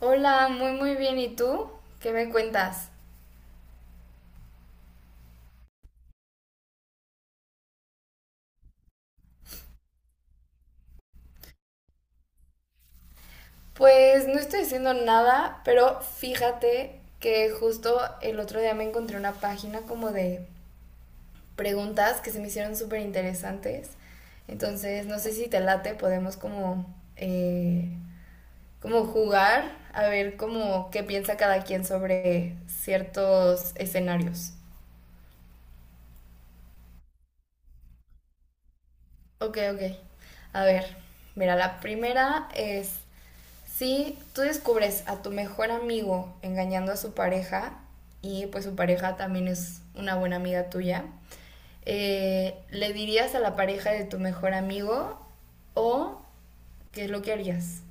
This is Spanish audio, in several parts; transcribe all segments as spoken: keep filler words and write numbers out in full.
Hola, muy muy bien. ¿Y tú? ¿Qué me cuentas? Pues no estoy haciendo nada, pero fíjate que justo el otro día me encontré una página como de preguntas que se me hicieron súper interesantes. Entonces, no sé si te late, podemos como, eh, como jugar a ver como qué piensa cada quien sobre ciertos escenarios. Ok, ok. A ver, mira, la primera es, si tú descubres a tu mejor amigo engañando a su pareja y pues su pareja también es una buena amiga tuya, eh, ¿le dirías a la pareja de tu mejor amigo o qué es lo que harías?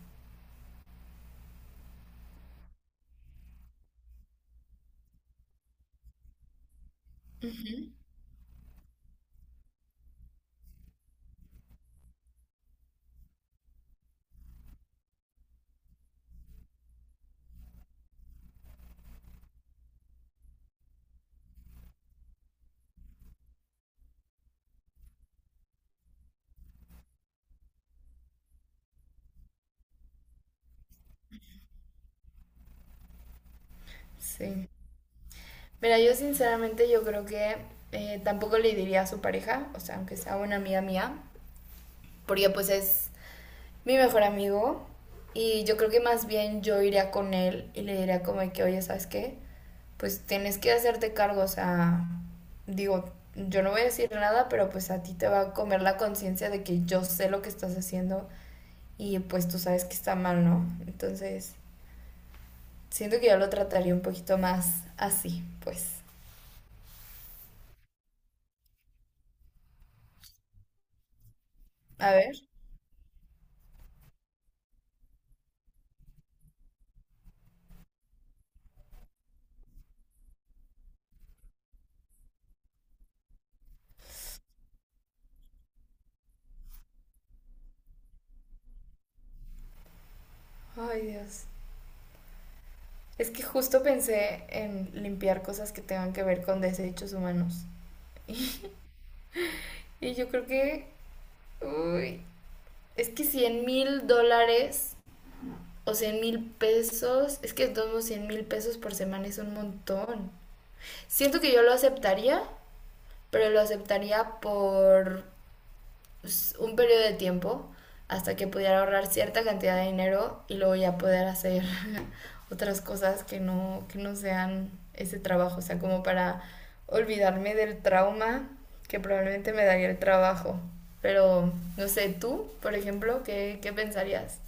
Sí. Mira, yo sinceramente yo creo que eh, tampoco le diría a su pareja, o sea, aunque sea una amiga mía, porque pues es mi mejor amigo y yo creo que más bien yo iría con él y le diría como que, oye, ¿sabes qué? Pues tienes que hacerte cargo, o sea, digo, yo no voy a decir nada, pero pues a ti te va a comer la conciencia de que yo sé lo que estás haciendo y pues tú sabes que está mal, ¿no? Entonces, siento que yo lo trataría un poquito más así, pues. A ver. Ay, Dios. Es que justo pensé en limpiar cosas que tengan que ver con desechos humanos. Y yo creo que... Uy, es que cien mil dólares o cien mil pesos, es que todos cien mil pesos por semana es un montón. Siento que yo lo aceptaría, pero lo aceptaría por un periodo de tiempo hasta que pudiera ahorrar cierta cantidad de dinero y luego ya poder hacer otras cosas que no, que no sean ese trabajo, o sea, como para olvidarme del trauma que probablemente me daría el trabajo. Pero, no sé, tú, por ejemplo, ¿qué, ¿qué pensarías?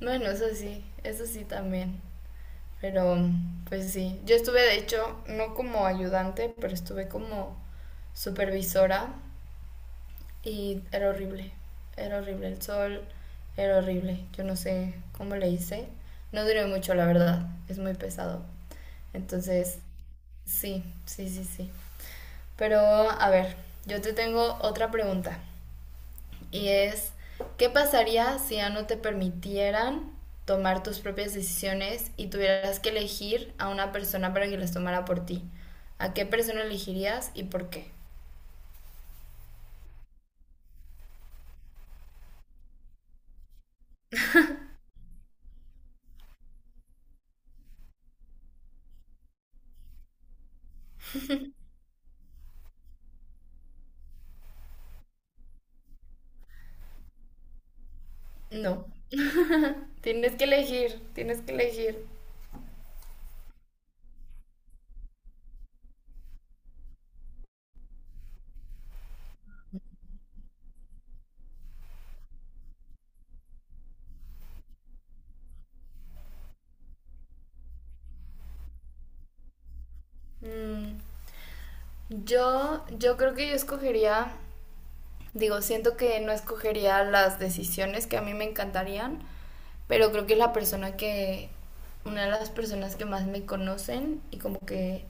Bueno, eso sí, eso sí también. Pero pues sí, yo estuve de hecho no como ayudante, pero estuve como supervisora y era horrible, era horrible el sol, era horrible. Yo no sé cómo le hice. No duré mucho, la verdad, es muy pesado. Entonces, sí, sí, sí, sí. Pero a ver, yo te tengo otra pregunta y es, ¿qué pasaría si ya no te permitieran tomar tus propias decisiones y tuvieras que elegir a una persona para que las tomara por ti? ¿A qué persona elegirías y por qué? No, tienes que elegir, tienes que elegir. Mm, yo, yo creo que yo escogería. Digo, siento que no escogería las decisiones que a mí me encantarían, pero creo que es la persona que, una de las personas que más me conocen y como que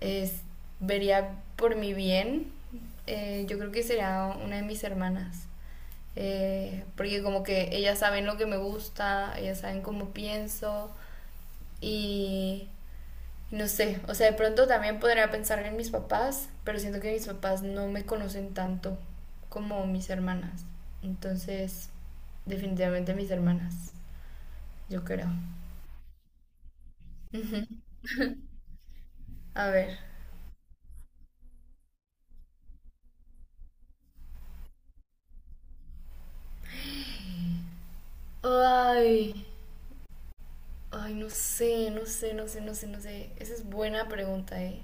es, vería por mi bien, eh, yo creo que será una de mis hermanas. Eh, porque como que ellas saben lo que me gusta, ellas saben cómo pienso y no sé, o sea, de pronto también podría pensar en mis papás, pero siento que mis papás no me conocen tanto como mis hermanas. Entonces, definitivamente mis hermanas, yo creo. A ver. Ay, ay, no sé, no sé, no sé, no sé, no sé. Esa es buena pregunta, ¿eh?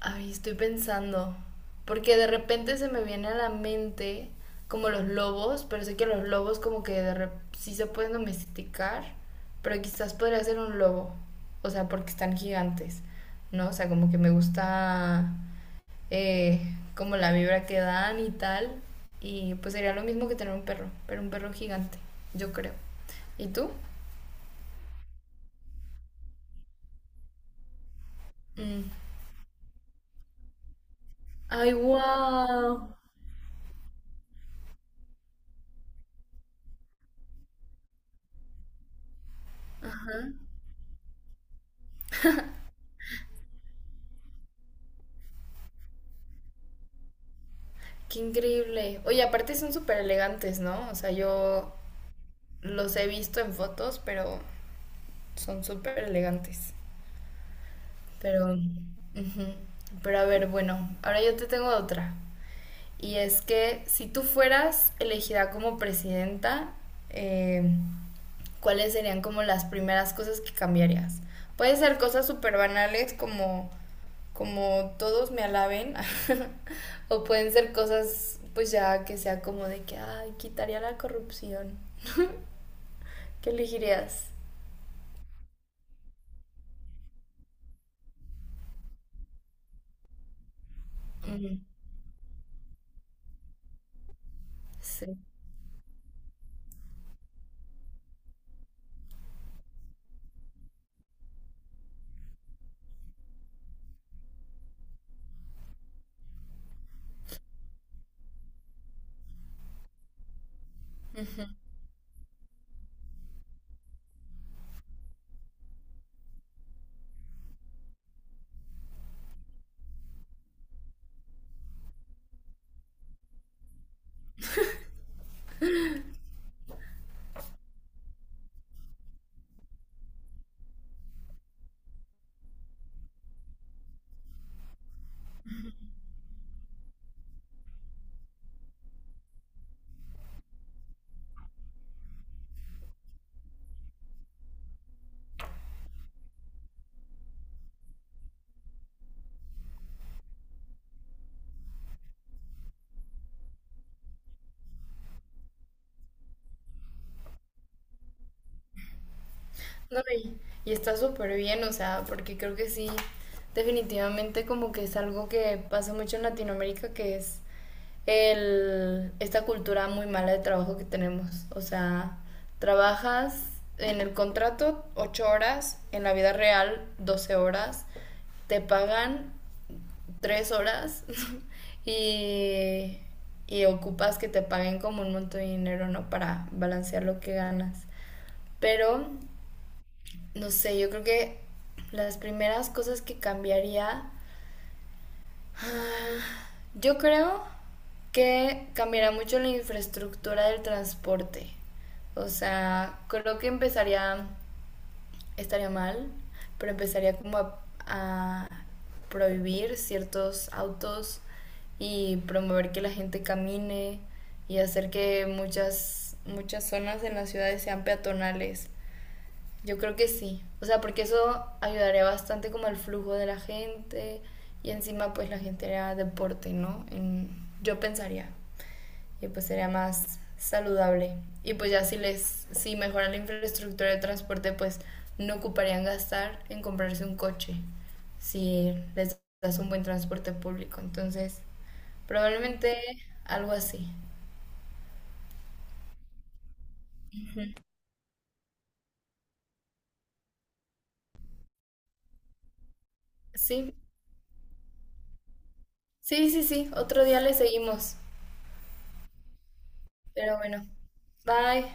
Ay, estoy pensando. Porque de repente se me viene a la mente como los lobos, pero sé que los lobos como que de rep- sí se pueden domesticar, pero quizás podría ser un lobo. O sea, porque están gigantes, ¿no? O sea, como que me gusta eh, como la vibra que dan y tal. Y pues sería lo mismo que tener un perro, pero un perro gigante, yo creo. ¿Y tú? Mm. Ay, wow. Qué increíble. Oye, aparte son súper elegantes, ¿no? O sea, yo los he visto en fotos, pero son súper elegantes. Pero, ujú. Pero a ver, bueno, ahora yo te tengo otra. Y es que si tú fueras elegida como presidenta, eh, ¿cuáles serían como las primeras cosas que cambiarías? Puede ser cosas súper banales como, como todos me alaben, o pueden ser cosas pues ya que sea como de que, ay, quitaría la corrupción. ¿Qué elegirías? Ujú, sí. No, y, y está súper bien, o sea, porque creo que sí, definitivamente como que es algo que pasa mucho en Latinoamérica, que es el, esta cultura muy mala de trabajo que tenemos. O sea, trabajas en el contrato ocho horas, en la vida real doce horas, te pagan tres horas y, y ocupas que te paguen como un montón de dinero, ¿no? Para balancear lo que ganas. Pero no sé, yo creo que las primeras cosas que cambiaría, yo creo que cambiaría mucho la infraestructura del transporte. O sea, creo que empezaría, estaría mal, pero empezaría como a, a prohibir ciertos autos y promover que la gente camine y hacer que muchas, muchas zonas en las ciudades sean peatonales. Yo creo que sí. O sea, porque eso ayudaría bastante como el flujo de la gente y encima pues la gente haría deporte, ¿no? En- yo pensaría. Y pues sería más saludable. Y pues ya si les, si mejoran la infraestructura de transporte, pues no ocuparían gastar en comprarse un coche si les das un buen transporte público. Entonces, probablemente algo así. Sí, sí, sí, sí. Otro día le seguimos. Pero bueno, bye.